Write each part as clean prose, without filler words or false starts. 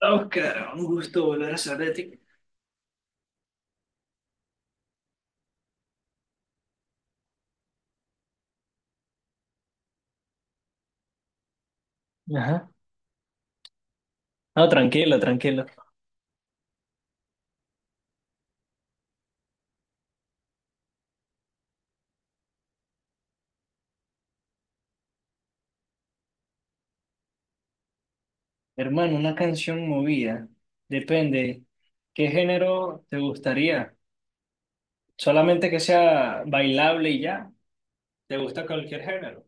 Oscar, un gusto volver a saber de ti. Ajá. No, tranquilo, tranquilo. Hermano, una canción movida. Depende. ¿Qué género te gustaría? ¿Solamente que sea bailable y ya? ¿Te gusta cualquier género?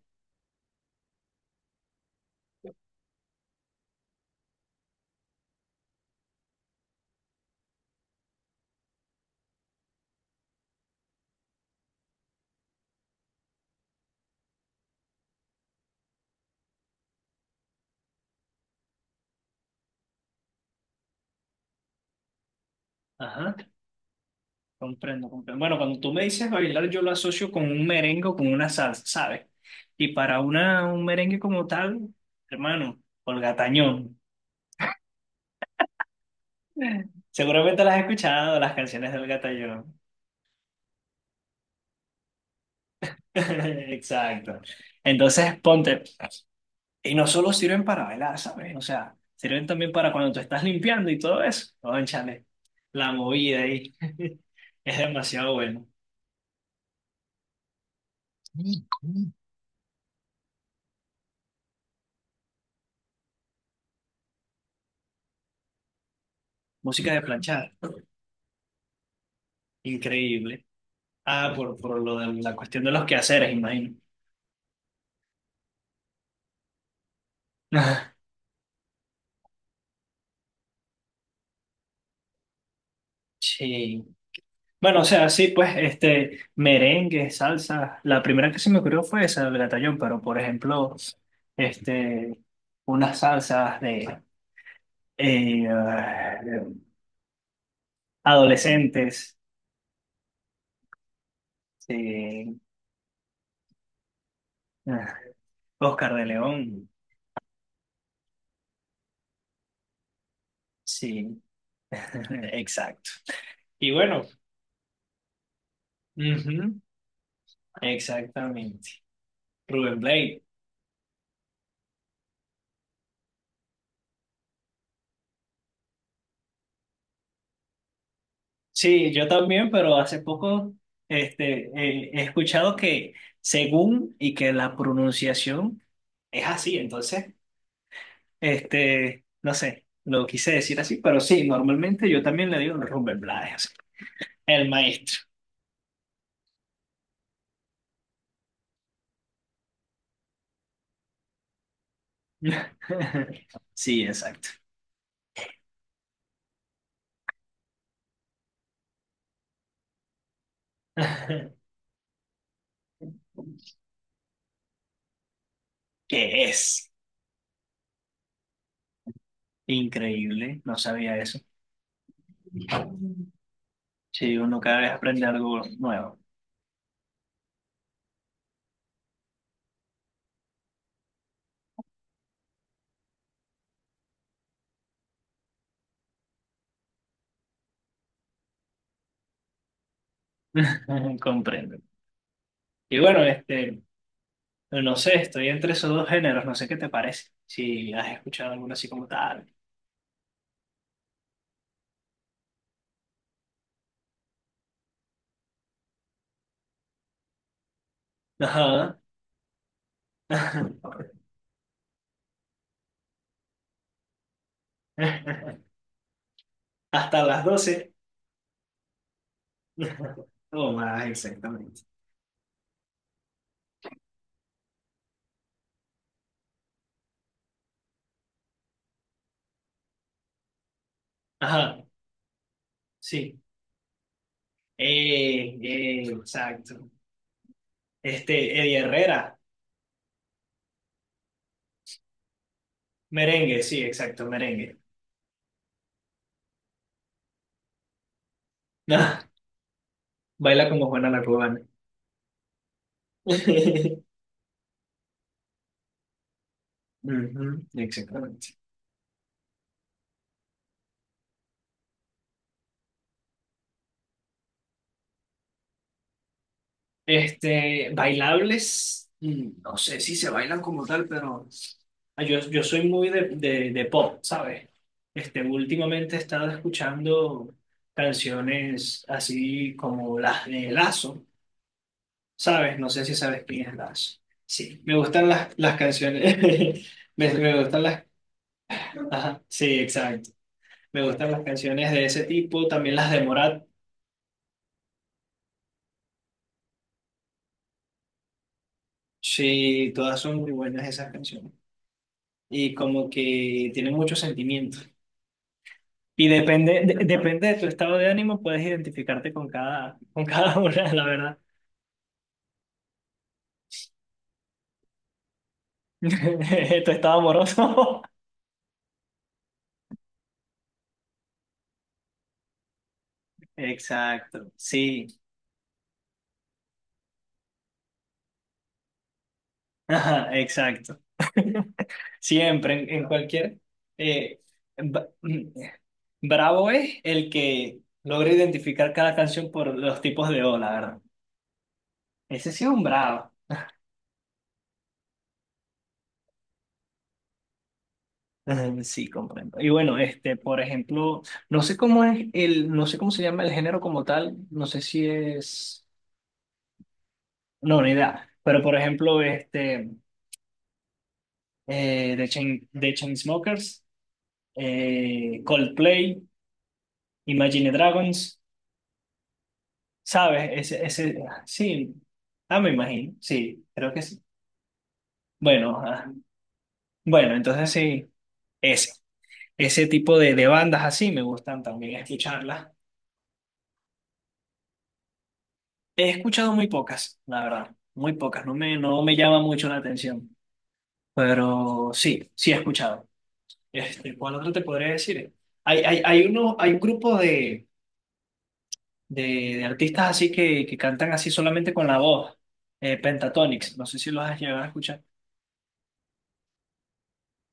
Ajá, comprendo, comprendo. Bueno, cuando tú me dices bailar, yo lo asocio con un merengue o con una salsa, ¿sabes? Y para un merengue como tal, hermano, Olga Tañón. Seguramente las has escuchado, las canciones de Olga Tañón. Exacto. Entonces, ponte. Y no solo sirven para bailar, ¿sabes? O sea, sirven también para cuando tú estás limpiando y todo eso. Cónchale, la movida ahí es demasiado bueno. Música de planchar, increíble. Ah, por lo de la cuestión de los quehaceres, imagino. Sí. Bueno, o sea, sí, pues, este, merengue, salsa. La primera que se me ocurrió fue esa del batallón, pero por ejemplo, este, unas salsas de eh, ah, adolescentes, sí. Ah, Oscar de León, sí, exacto. Y bueno, ujú, exactamente. Rubén Blade. Sí, yo también, pero hace poco este, he escuchado que según y que la pronunciación es así, entonces, este, no sé, lo quise decir así, pero sí, normalmente yo también le digo Rubén Blades, el maestro. Sí, exacto. Que es increíble, no sabía eso. Sí, uno cada vez aprende algo nuevo. Comprendo. Y bueno, este, no sé, estoy entre esos dos géneros, no sé qué te parece. Si has escuchado alguno así como tal. Ajá. Hasta las 12. O más, exactamente. Ajá, sí. Exacto. Este, Eddie Herrera. Merengue, sí, exacto, merengue. Baila como Juana la cubana. Ujú, exactamente. Este, bailables, mm, no sé si se bailan como tal, pero ah, yo soy muy de pop, ¿sabes? Este, últimamente he estado escuchando canciones así como las de Lazo, ¿sabes? No sé si sabes quién es Lazo. Sí, me gustan las canciones, me gustan las, ajá, sí, exacto. Me gustan las canciones de ese tipo, también las de Morat, sí, todas son muy buenas esas canciones, y como que tiene muchos sentimientos. Y depende, depende de tu estado de ánimo, puedes identificarte con cada una, la verdad. Tu estado amoroso. Exacto, sí, ajá, exacto. Siempre, en cualquier... eh, ba- bravo es el que logra identificar cada canción por los tipos de O, la verdad. Ese sí es un bravo. Mm, sí, comprendo. Y bueno, este, por ejemplo, no sé cómo es el, no sé cómo se llama el género como tal, no sé si es, no, ni idea, pero por ejemplo, este, The Chainsmokers, Coldplay, Imagine Dragons, ¿sabes? Sí, ah, me imagino, sí, creo que sí. Bueno, ah, bueno, entonces sí, ese, ese tipo de bandas así me gustan también escucharlas. He escuchado muy pocas, la verdad, muy pocas, no me llama mucho la atención, pero sí, sí he escuchado. Este, ¿cuál otro te podría decir? Hay un grupo de, de artistas así que cantan así solamente con la voz, Pentatonix, no sé si los has llegado a escuchar,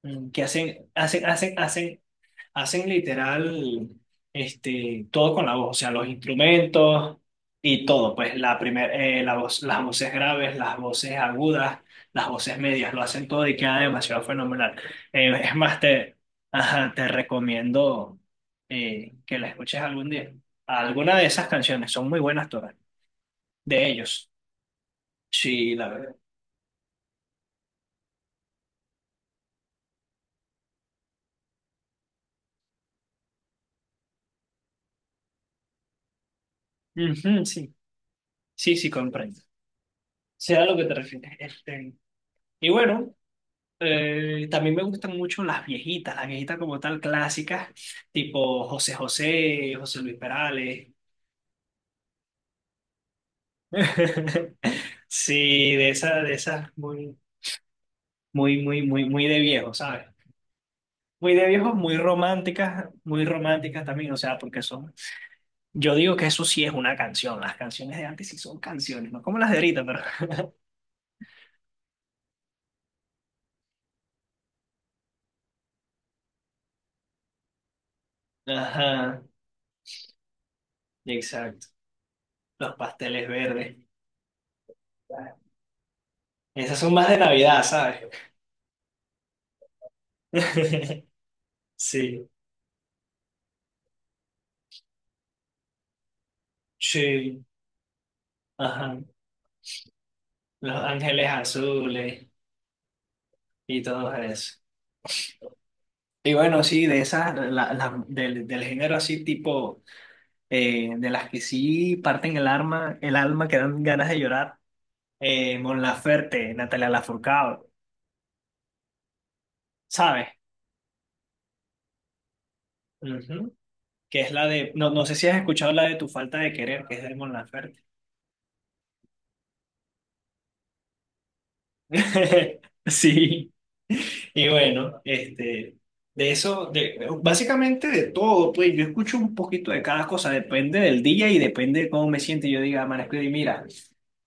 mm, que hacen literal este, todo con la voz, o sea, los instrumentos y todo, pues la primer, la voz, las voces graves, las voces agudas, las voces medias, lo hacen todo y queda demasiado fenomenal. Es más, te, ajá, te recomiendo que la escuches algún día. Alguna de esas canciones son muy buenas todas, de ellos. Sí, la verdad. Ujú, sí, comprendo. Sea lo que te refieres. Este, y bueno. También me gustan mucho las viejitas como tal clásicas, tipo José José, José Luis Perales. Sí, de esas muy, muy de viejo, ¿sabes? Muy de viejo, muy románticas también, o sea, porque son. Yo digo que eso sí es una canción, las canciones de antes sí son canciones, no como las de ahorita, pero. Ajá, exacto. Los pasteles verdes. Esas son más de Navidad, ¿sabes? Sí, sí, ajá. Los Ángeles Azules y todo eso. Y bueno, sí, de esas, del, del género así tipo, de las que sí parten el alma que dan ganas de llorar, Mon Laferte, Natalia Lafourcade, ¿sabes? Ujú. Que es la de, no, no sé si has escuchado la de Tu falta de querer, que es de Mon Laferte. Sí. Y bueno, este, de eso, de, básicamente de todo, pues yo escucho un poquito de cada cosa, depende del día y depende de cómo me siento. Yo diga, Marisco, y mira,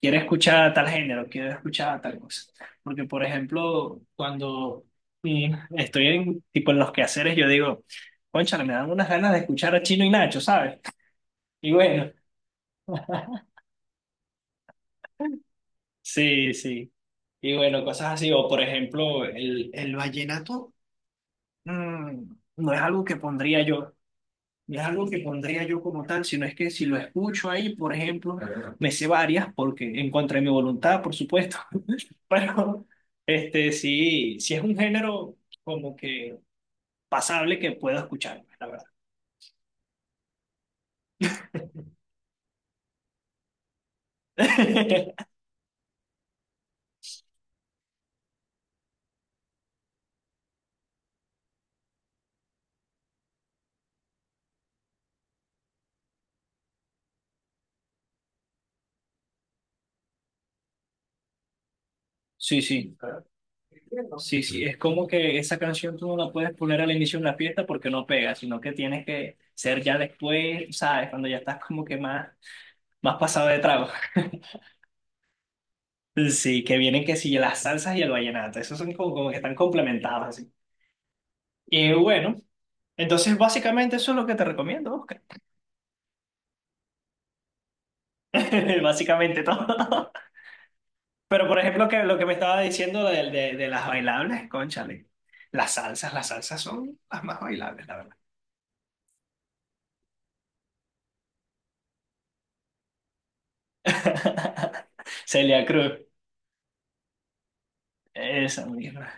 quiero escuchar tal género, quiero escuchar tal cosa. Porque, por ejemplo, cuando mm, estoy en, tipo, en los quehaceres, yo digo, cónchale, me dan unas ganas de escuchar a Chino y Nacho, ¿sabes? Y bueno, sí, sí. Y bueno, cosas así, o por ejemplo, el vallenato. Mm, no es algo que pondría yo, no es algo que pondría yo como tal, sino es que si lo escucho ahí, por ejemplo, me sé varias porque en contra de mi voluntad, por supuesto, pero este sí, sí es un género como que pasable que puedo escuchar, la verdad. Sí, sí. Sí, sí, es como que esa canción tú no la puedes poner al inicio de una fiesta porque no pega, sino que tienes que ser ya después, ¿sabes? Cuando ya estás como que más, más pasado de trago. Sí, que vienen que sí, las salsas y el vallenato. Esos son como, como que están complementados así. Y bueno, entonces básicamente eso es lo que te recomiendo, Oscar. Básicamente todo. Pero por ejemplo, que lo que me estaba diciendo de las bailables, cónchale. Las salsas son las más bailables, la verdad. Celia Cruz. Esa misma.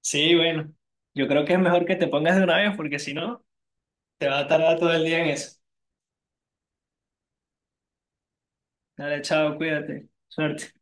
Sí, bueno. Yo creo que es mejor que te pongas de una vez porque si no, te va a tardar todo el día en eso. Dale, chao, cuídate. Suerte.